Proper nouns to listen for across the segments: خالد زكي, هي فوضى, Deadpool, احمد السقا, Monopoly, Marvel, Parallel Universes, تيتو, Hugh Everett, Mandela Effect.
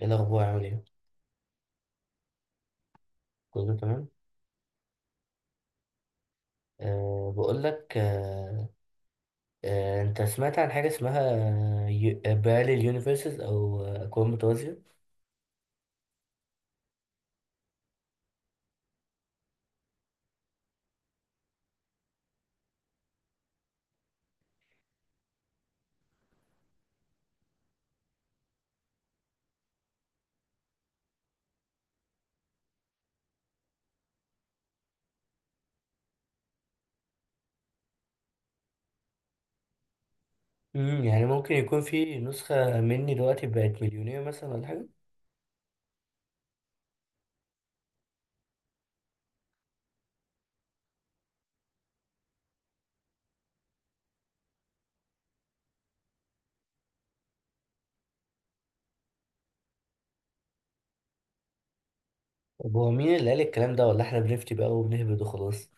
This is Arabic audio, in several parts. ايه الاخبار؟ عامل ايه؟ كله تمام. بقول لك. انت سمعت عن حاجه اسمها باراليل يونيفرسز او اكوان متوازيه؟ يعني ممكن يكون في نسخه مني دلوقتي بقت مليونير مثلا ولا حاجه؟ طب هو مين اللي قال الكلام ده ولا احنا بنفتي بقى وبنهبد وخلاص؟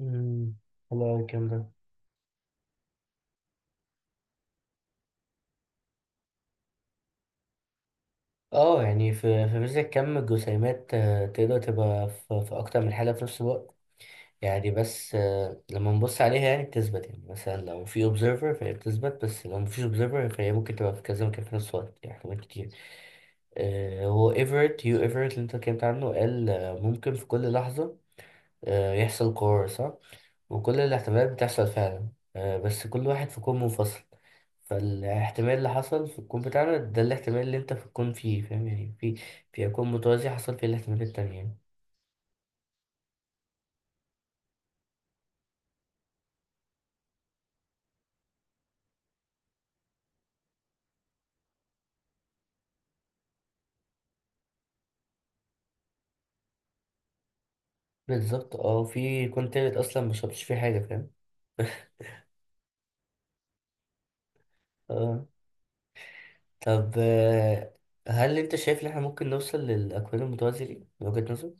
امم حلو أوي الكلام ده. اه، يعني في فيزياء كم الجسيمات تقدر تبقى في اكتر من حاله في نفس الوقت. يعني بس لما نبص عليها يعني بتثبت، يعني مثلا لو في observer فهي بتثبت، بس لو مفيش observer فهي ممكن تبقى في كذا مكان في نفس الوقت، يعني احتمال كتير. هو هيو ايفرت اللي انت اتكلمت عنه قال ممكن في كل لحظة يحصل قرار صح، وكل الاحتمالات بتحصل فعلا، بس كل واحد في كون منفصل. فالاحتمال اللي حصل في الكون بتاعنا ده الاحتمال اللي انت في الكون فيه، فاهم؟ يعني في كون متوازي حصل فيه الاحتمالات التانية. بالظبط، اه، في كون تالت اصلا مشربتش فيه حاجة، فاهم؟ اه. طب، هل انت شايف ان احنا ممكن نوصل للاكوان المتوازية دي من وجهة نظرك؟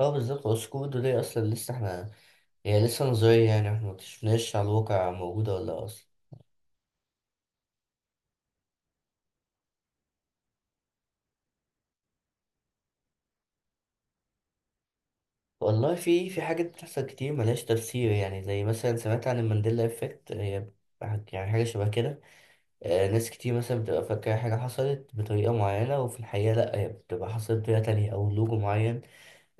اه بالظبط، اسكودو دي اصلا لسه احنا، هي لسه نظرية، يعني احنا مكتشفناش على الواقع موجودة ولا لأ اصلا. والله في حاجات بتحصل كتير ملهاش تفسير، يعني زي مثلا سمعت عن المانديلا افكت، هي يعني حاجة شبه كده. ناس كتير مثلا بتبقى فاكرة حاجة حصلت بطريقة معينة، وفي الحقيقة لأ، هي بتبقى حصلت بطريقة تانية، أو لوجو معين.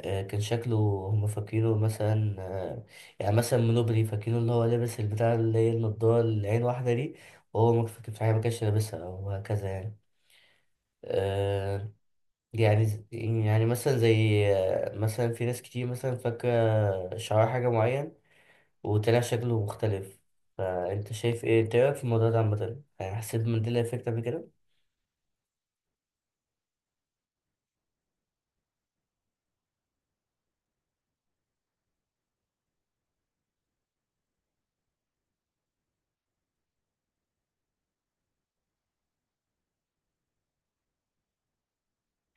كان شكله هم فاكرينه مثلا، يعني مثلا منوبري فاكرينه اللي هو لابس البتاع، اللي هي النضارة اللي عين واحدة دي. وهو ما كان في حاجة، ما كانش لابسها، أو هكذا يعني. آه، يعني يعني مثلا زي مثلا في ناس كتير مثلا فاكرة شعار حاجة معين، وطلع شكله مختلف. فأنت شايف إيه إنت إيه رأيك في الموضوع ده عامة؟ يعني حسيت بمانديلا إفكت قبل كده؟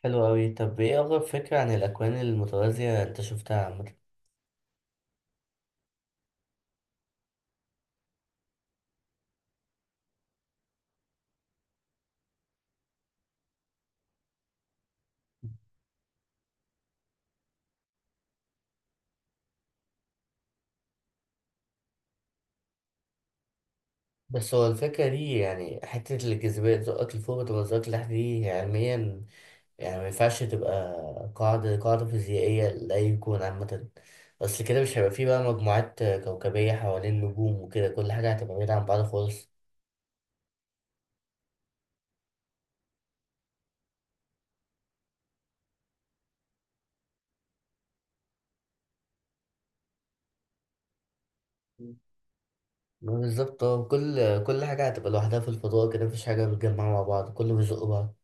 حلو أوي. طب إيه أغرب فكرة عن الأكوان المتوازية أنت شفتها عامة؟ بس هو الفكرة دي، يعني حتة الجاذبية تزقك لفوق وتبقى تزقك لتحت دي علميا، يعني ما ينفعش تبقى قاعدة قاعدة فيزيائية لأي كون عامة. أصل كده مش هيبقى فيه بقى مجموعات كوكبية حوالين نجوم وكده، كل حاجة هتبقى بعيدة عن بعض خالص. بالظبط اه، كل كل حاجة هتبقى لوحدها في الفضاء كده، مفيش حاجة متجمعة مع بعض، كله بيزق بعض.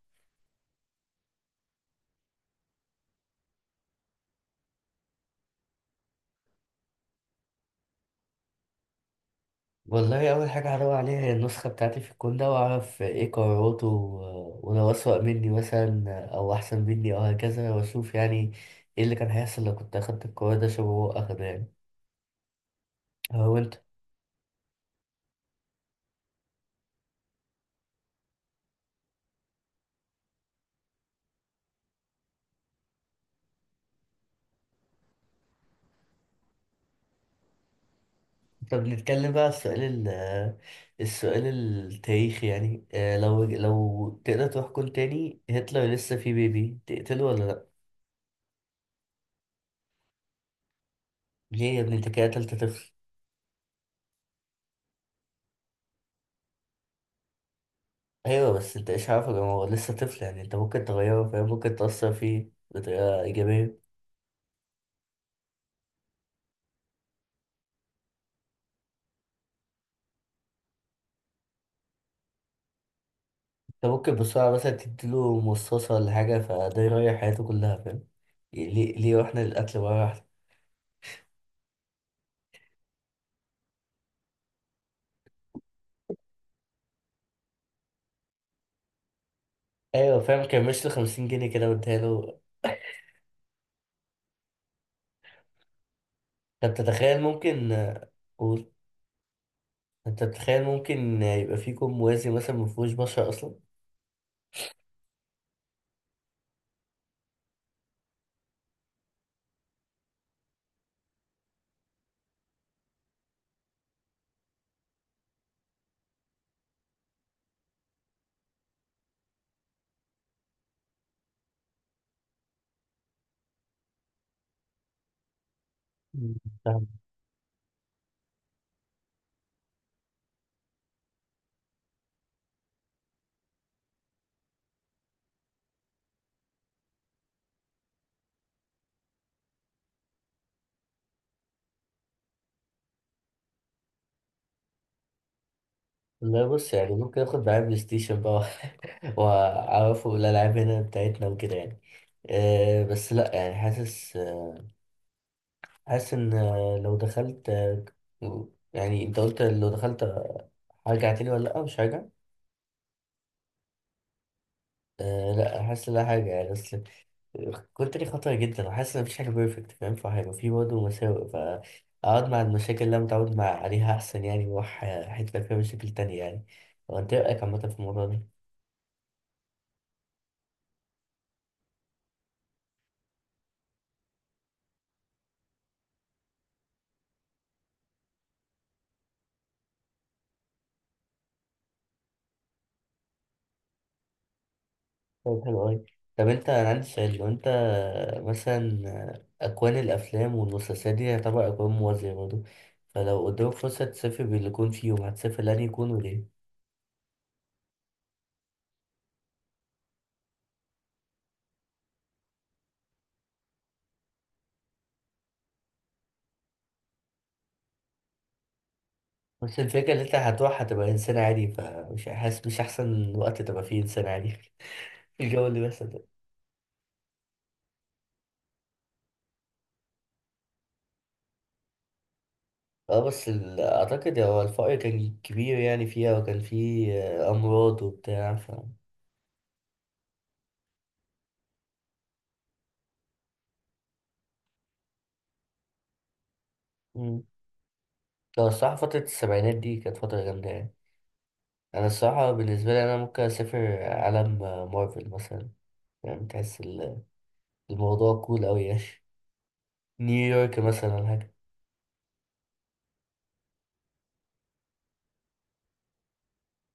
والله أول حاجة هدور عليها هي النسخة بتاعتي في الكون ده، وأعرف إيه قراراته ولو أسوأ مني مثلا أو أحسن مني أو هكذا، وأشوف يعني إيه اللي كان هيحصل لو كنت أخدت القرار ده شبه هو أخده، يعني. هو أنت. طب نتكلم بقى على السؤال التاريخي، يعني لو تقدر تروح كون تاني، هتلر لسه فيه بيبي تقتله ولا لأ؟ ليه يا ابني؟ أنت كده قتلت طفل؟ أيوه، بس أنت إيش عارفه يا جماعة، هو لسه طفل، يعني أنت ممكن تغيره، فاهم؟ ممكن تأثر فيه بطريقة إيجابية. انت ممكن بسرعة مثلا تديله مصاصة ولا حاجة، فده يريح حياته كلها، فاهم؟ ليه ليه واحنا الأكل مرة واحدة؟ أيوة فاهم، كان مش 50 جنيه كده واديها له. طب تتخيل ممكن. قول. أنت بتتخيل ممكن يبقى فيكم موازي مثلا مفهوش بشر أصلا؟ مم. فاهم. لا، بص يعني ممكن آخد معايا بلاي ستيشن بقى. وأعرفه الألعاب هنا بتاعتنا وكده يعني. أه بس لأ، يعني حاسس، حاسس ان لو دخلت، يعني انت قلت لو دخلت، هرجع تاني ولا لا، مش هرجع. أه لا، حاسس لا حاجة يعني، بس كنت لي خطرة جدا وحاسس ان مفيش حاجة بيرفكت، فاهم؟ فهيبقى في برضه مساوئ، فأقعد مع المشاكل اللي أنا متعود مع عليها أحسن، يعني وأروح حتة فيها مشاكل تانية يعني. هو أنت إيه رأيك عامة في الموضوع ده؟ طيب حلو أوي. طب أنا عندي سؤال، لو أنت مثلا أكوان الأفلام والمسلسلات دي تعتبر أكوان موازية برضه، فلو قدامك فرصة تسافر باللي يكون فيهم هتسافر لأني يكون وليه؟ بس الفكرة إن أنت هتروح هتبقى إنسان عادي، فمش حاسس مش أحسن وقت تبقى فيه إنسان عادي. الجو اللي بيحصل ده. اه بس أعتقد هو الفقر كان كبير يعني فيها، وكان فيه أمراض وبتاع، ف مم. لا الصراحة فترة السبعينات دي كانت فترة جامدة يعني. أنا الصراحة بالنسبة لي، أنا ممكن أسافر عالم مارفل مثلا. يعني تحس الموضوع كول أوي يعني. نيويورك مثلا ولا حاجة.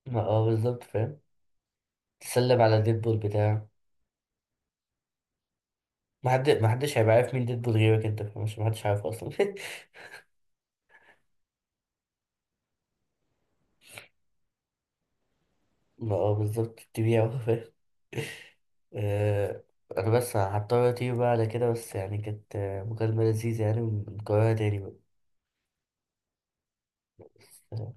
ما اه بالظبط فاهم. تسلم على ديدبول بتاعه. ما حدش هيبقى عارف مين ديدبول غيرك، انت مش ما حدش عارفه اصلا. ما اه بالظبط، تبيعه فاهم. آه، انا بس هضطر اطير بقى على كده، بس يعني كانت مكالمة لذيذة، يعني ونكررها تاني بقى. بس،